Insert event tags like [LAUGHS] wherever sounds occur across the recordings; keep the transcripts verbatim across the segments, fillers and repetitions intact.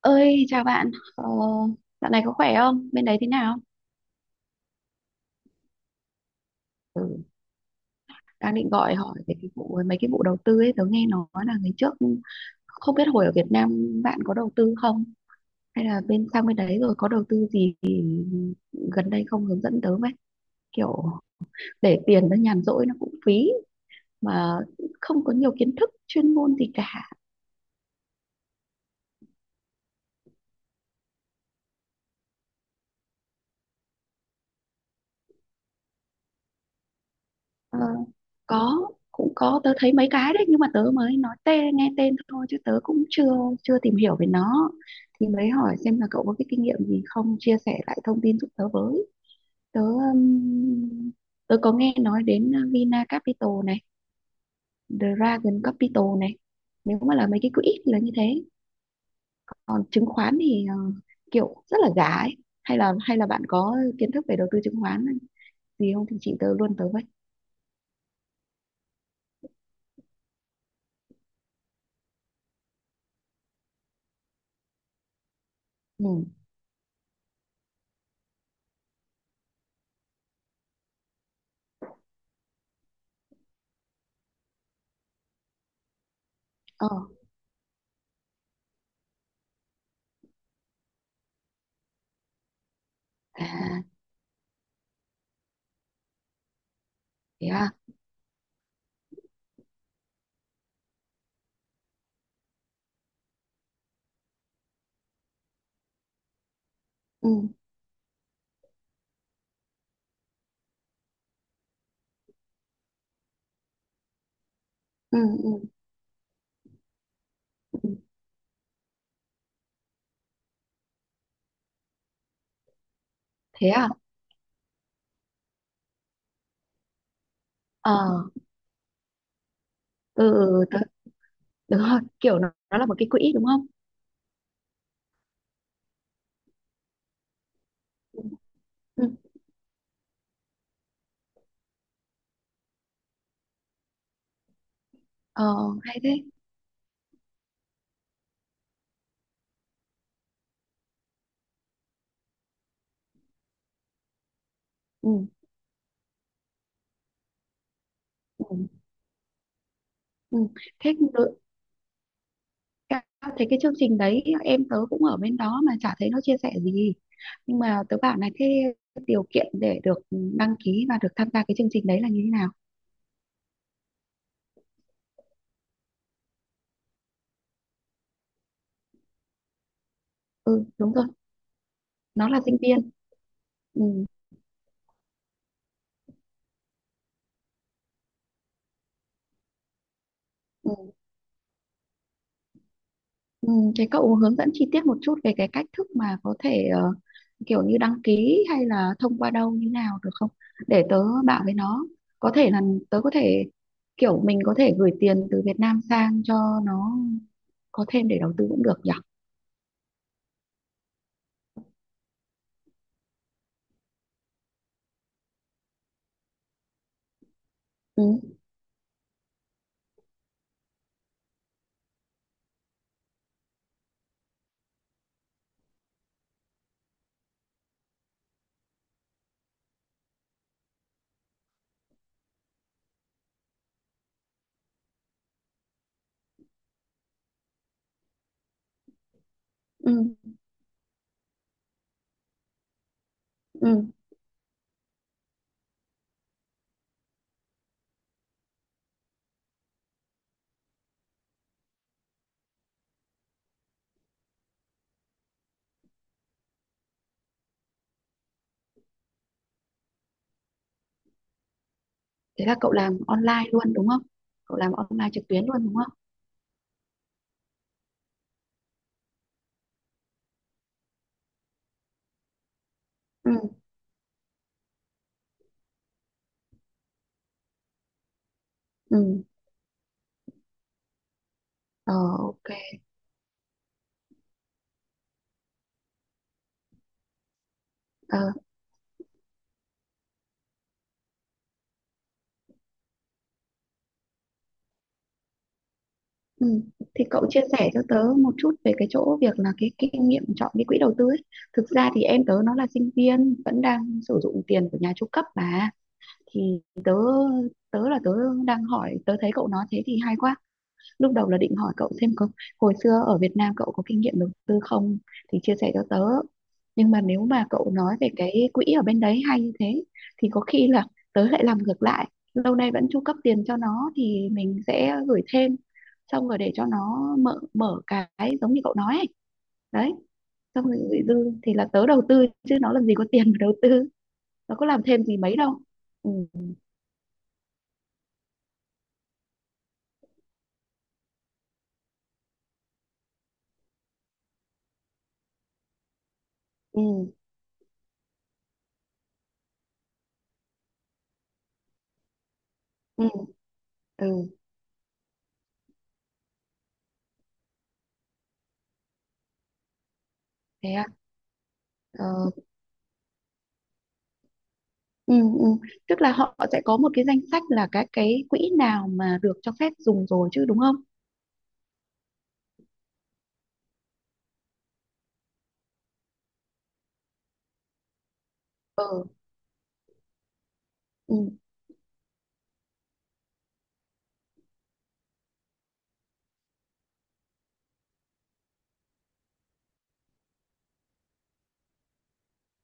Ơi, chào bạn. Ờ, Dạo này có khỏe không? Bên đấy thế nào? Ừ, đang định gọi hỏi về cái vụ mấy cái vụ đầu tư ấy, tớ nghe nói là ngày trước không biết hồi ở Việt Nam bạn có đầu tư không? Hay là bên sang bên đấy rồi có đầu tư gì thì gần đây không hướng dẫn tớ với. Kiểu để tiền nó nhàn rỗi nó cũng phí mà không có nhiều kiến thức chuyên môn gì cả. Ờ, có, cũng có, tớ thấy mấy cái đấy nhưng mà tớ mới nói tên nghe tên thôi chứ tớ cũng chưa chưa tìm hiểu về nó, thì mới hỏi xem là cậu có cái kinh nghiệm gì không chia sẻ lại thông tin giúp tớ với. Tớ um, Tớ có nghe nói đến uh, Vina Capital này, Dragon Capital này, nếu mà là mấy cái quỹ thì là như thế. Còn chứng khoán thì uh, kiểu rất là giá ấy. hay là hay là bạn có kiến thức về đầu tư chứng khoán gì không thì chị tớ luôn tớ với. Ừ. Ờ. À. Thế à. Ừ. Ừ. Ừ. Ừ. Thế à. Ờ. Ừ. Ừ, tớ, đúng rồi, kiểu nó, nó là một cái quỹ đúng không. Ừ. Ừ. Ờ, hay thế. Ừ. Ừ. Ừ. Thế đ- ca- thấy cái chương trình đấy em tớ cũng ở bên đó mà chả thấy nó chia sẻ gì, nhưng mà tớ bảo này, thế điều kiện để được đăng ký và được tham gia cái chương trình đấy là như thế nào? Ừ đúng rồi, nó là sinh viên. Ừ. Ừ. Ừ, thế cậu hướng dẫn chi tiết một chút về cái cách thức mà có thể ờ, kiểu như đăng ký hay là thông qua đâu như nào được không? Để tớ bảo với nó. Có thể là tớ có thể kiểu mình có thể gửi tiền từ Việt Nam sang cho nó có thêm để đầu tư cũng được nhỉ? Ừ. Ừ. Ừ. Thế là cậu làm online luôn đúng không? Cậu làm online trực tuyến luôn đúng không? Ừ. Ừ. Ờ, ok. Ờ. Ừ. Thì cậu chia sẻ cho tớ một chút về cái chỗ việc là cái, cái kinh nghiệm chọn cái quỹ đầu tư ấy. Thực ra thì em tớ nó là sinh viên vẫn đang sử dụng tiền của nhà chu cấp mà, thì tớ tớ là tớ đang hỏi, tớ thấy cậu nói thế thì hay quá. Lúc đầu là định hỏi cậu xem có hồi xưa ở Việt Nam cậu có kinh nghiệm đầu tư không thì chia sẻ cho tớ, nhưng mà nếu mà cậu nói về cái quỹ ở bên đấy hay như thế thì có khi là tớ lại làm ngược lại, lâu nay vẫn chu cấp tiền cho nó thì mình sẽ gửi thêm, xong rồi để cho nó mở mở cái giống như cậu nói ấy. Đấy, xong rồi gửi dư thì là tớ đầu tư chứ nó làm gì có tiền mà đầu tư, nó có làm thêm gì mấy đâu. Ừ. Ừ. Ừ. Ừ. Thế à? Ờ. Ừ. Ừ. Tức là họ sẽ có một cái danh sách là các cái quỹ nào mà được cho phép dùng rồi chứ đúng không? Ừ. Ừ.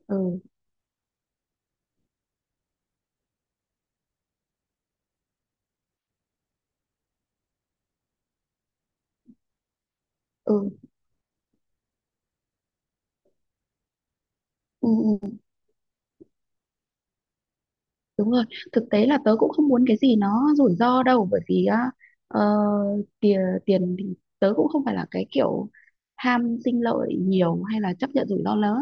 Ừ. Ừ. Ừ. Ừ. Đúng rồi, thực tế là tớ cũng không muốn cái gì nó rủi ro đâu bởi vì á, ờ, tiền tiền thì tớ cũng không phải là cái kiểu ham sinh lợi nhiều hay là chấp nhận rủi ro lớn.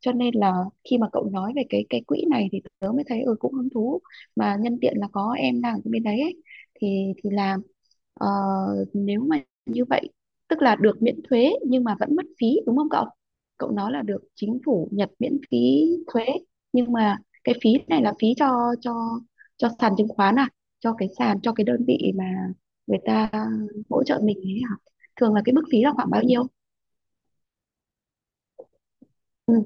Cho nên là khi mà cậu nói về cái cái quỹ này thì tớ mới thấy ừ cũng hứng thú, mà nhân tiện là có em đang ở bên đấy ấy, thì thì làm. Ờ, Nếu mà như vậy tức là được miễn thuế nhưng mà vẫn mất phí đúng không cậu? Cậu nói là được chính phủ Nhật miễn phí thuế, nhưng mà cái phí này là phí cho cho cho sàn chứng khoán à, cho cái sàn cho cái đơn vị mà người ta hỗ trợ mình ấy hả, thường là cái mức phí là khoảng bao nhiêu? Ừ.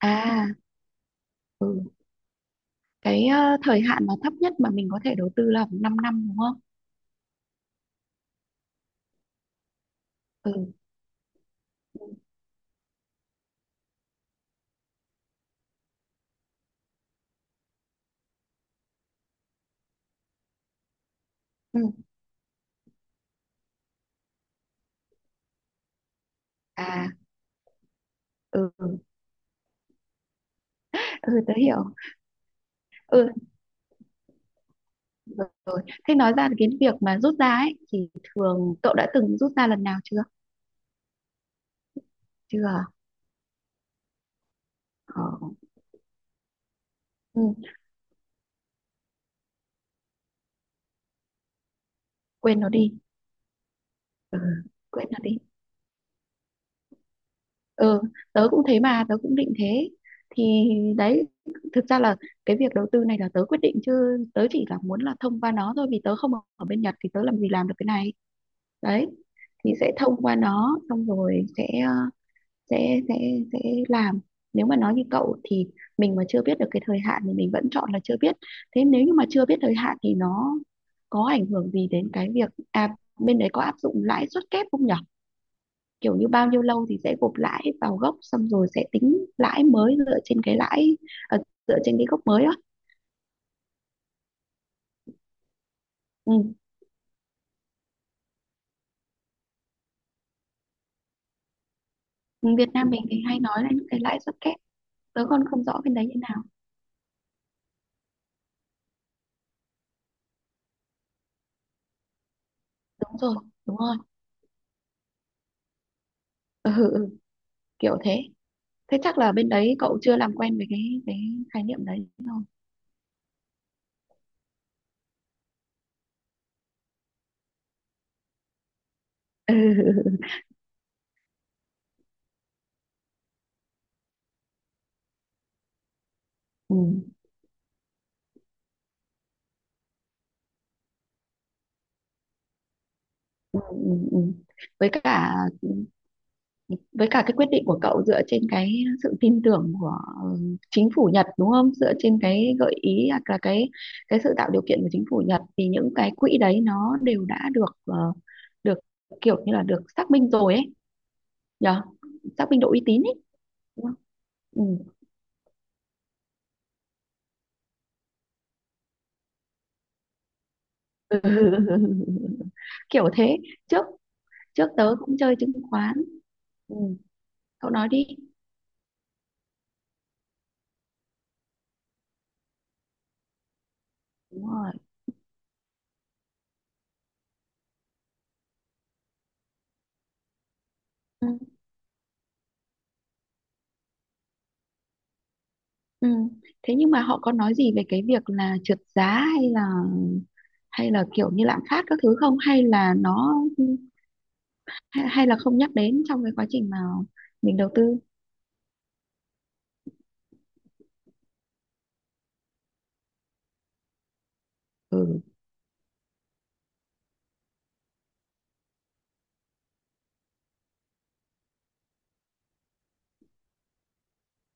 À. Ừ. Cái ờ, thời hạn mà thấp nhất mà mình có thể đầu tư là 5 năm năm đúng không. Ừ. Ừ. À. Ừ. Ừ tớ hiểu. Ừ rồi. Thế nói ra cái việc mà rút ra ấy thì cậu đã từng rút ra lần nào chưa? Chưa à? Ờ. Ừ. Quên nó đi. Ừ. Quên nó đi. Ừ tớ cũng thế, mà tớ cũng định thế, thì đấy, thực ra là cái việc đầu tư này là tớ quyết định chứ, tớ chỉ là muốn là thông qua nó thôi vì tớ không ở ở bên Nhật thì tớ làm gì làm được cái này. Đấy, thì sẽ thông qua nó, xong rồi sẽ ờ, sẽ sẽ sẽ làm. Nếu mà nói như cậu thì mình mà chưa biết được cái thời hạn thì mình vẫn chọn là chưa biết. Thế nếu như mà chưa biết thời hạn thì nó có ảnh hưởng gì đến cái việc à bên đấy có áp dụng lãi suất kép không nhỉ, kiểu như bao nhiêu lâu thì sẽ gộp lãi vào gốc xong rồi sẽ tính lãi mới dựa trên cái lãi, ờ, dựa trên cái gốc mới đó. Ừ. Ừ, Việt Nam mình thì hay nói là những cái lãi suất kép, tớ còn không rõ bên đấy như nào. Đúng rồi, đúng rồi. Ừ. Ừ. Ừ, kiểu thế. Thế chắc là bên đấy cậu chưa làm quen với cái cái khái niệm đấy rồi. [LAUGHS] Ừ. Ừ. Ừ. Với cả, với cả cái quyết định của cậu dựa trên cái sự tin tưởng của ừ, chính phủ Nhật đúng không? Dựa trên cái gợi ý hoặc là cái cái sự tạo điều kiện của chính phủ Nhật, thì những cái quỹ đấy nó đều đã được ờ, được kiểu như là được xác minh rồi ấy, nhờ xác minh độ uy tín ấy, đúng không? Ừ. [LAUGHS] Kiểu thế. Trước trước tớ cũng chơi chứng khoán. Ừ. Cậu nói đi. Đúng rồi. Ừ. Ừ. Thế nhưng mà họ có nói gì về cái việc là trượt giá hay là, hay là kiểu như lạm phát các thứ không, hay là nó, hay, hay là không nhắc đến trong cái quá trình mà mình đầu tư. Ừ.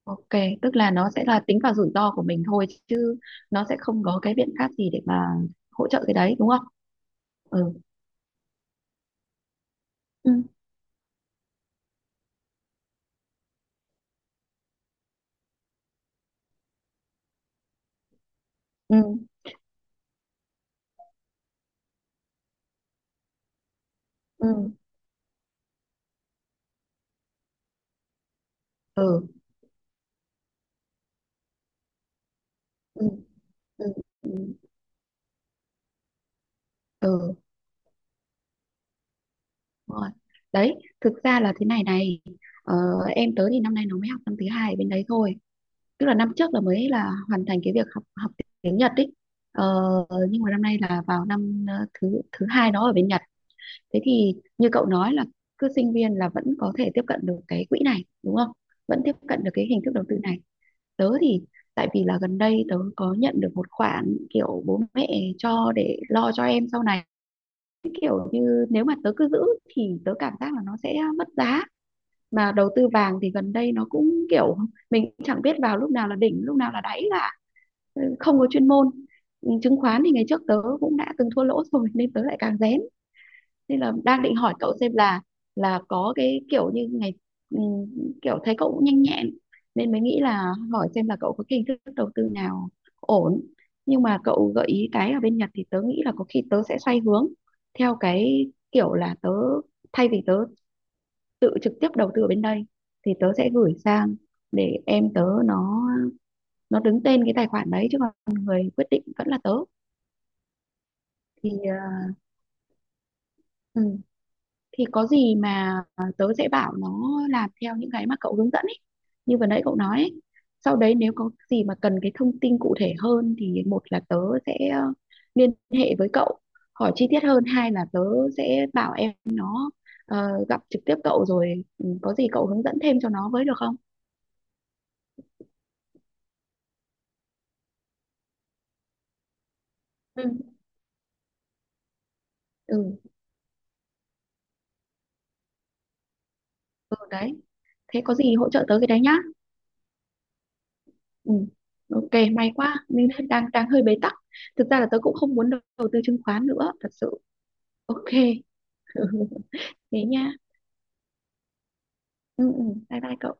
Ok, tức là nó sẽ là tính vào rủi ro của mình thôi chứ, nó sẽ không có cái biện pháp gì để mà hỗ trợ cái đấy đúng không? Ừ. Ừ. Ừ. Ừ. Ừ. Ừ. Ừ. Ừ. Đúng rồi, đấy, thực ra là thế này này, ờ, em tớ thì năm nay nó mới học năm thứ hai ở bên đấy thôi, tức là năm trước là mới là hoàn thành cái việc học học tiếng Nhật ấy, ờ, nhưng mà năm nay là vào năm ờ, thứ thứ hai đó ở bên Nhật. Thế thì như cậu nói là cứ sinh viên là vẫn có thể tiếp cận được cái quỹ này đúng không, vẫn tiếp cận được cái hình thức đầu tư này. Tớ thì tại vì là gần đây tớ có nhận được một khoản kiểu bố mẹ cho để lo cho em sau này, như nếu mà tớ cứ giữ thì tớ cảm giác là nó sẽ mất giá, mà đầu tư vàng thì gần đây nó cũng kiểu mình chẳng biết vào lúc nào là đỉnh lúc nào là đáy cả. Ừ, không có chuyên môn. Ừ, chứng khoán thì ngày trước tớ cũng đã từng thua lỗ rồi nên tớ lại càng rén, nên là đang định hỏi cậu xem là là có cái kiểu như ngày, ừ, kiểu thấy cậu cũng nhanh nhẹn nên mới nghĩ là hỏi xem là cậu có cái hình thức đầu tư nào ổn, nhưng mà cậu gợi ý cái ở bên Nhật thì tớ nghĩ là có khi tớ sẽ xoay hướng theo cái kiểu là tớ, thay vì tớ tự trực tiếp đầu tư ở bên đây thì tớ sẽ gửi sang để em tớ nó nó đứng tên cái tài khoản đấy chứ, còn người quyết định vẫn là tớ. Thì ờ, ừ, thì có gì mà tớ sẽ bảo nó làm theo những cái mà cậu hướng dẫn ấy, như vừa nãy cậu nói ấy. Sau đấy nếu có gì mà cần cái thông tin cụ thể hơn thì một là tớ sẽ ờ, liên hệ với cậu hỏi chi tiết hơn, hai là tớ sẽ bảo em nó ờ, gặp trực tiếp cậu rồi ừ, có gì cậu hướng dẫn thêm cho nó với được không. Ừ. Ừ. Ừ đấy, thế có gì hỗ trợ tớ cái đấy nhá. Ừ. Ok, may quá, mình [LAUGHS] đang đang đang hơi bế tắc. Thực ra là tớ cũng không muốn đầu đầu tư chứng khoán nữa, thật sự. Ok. [LAUGHS] Thế nha. Ừ, ừ, bye bye cậu.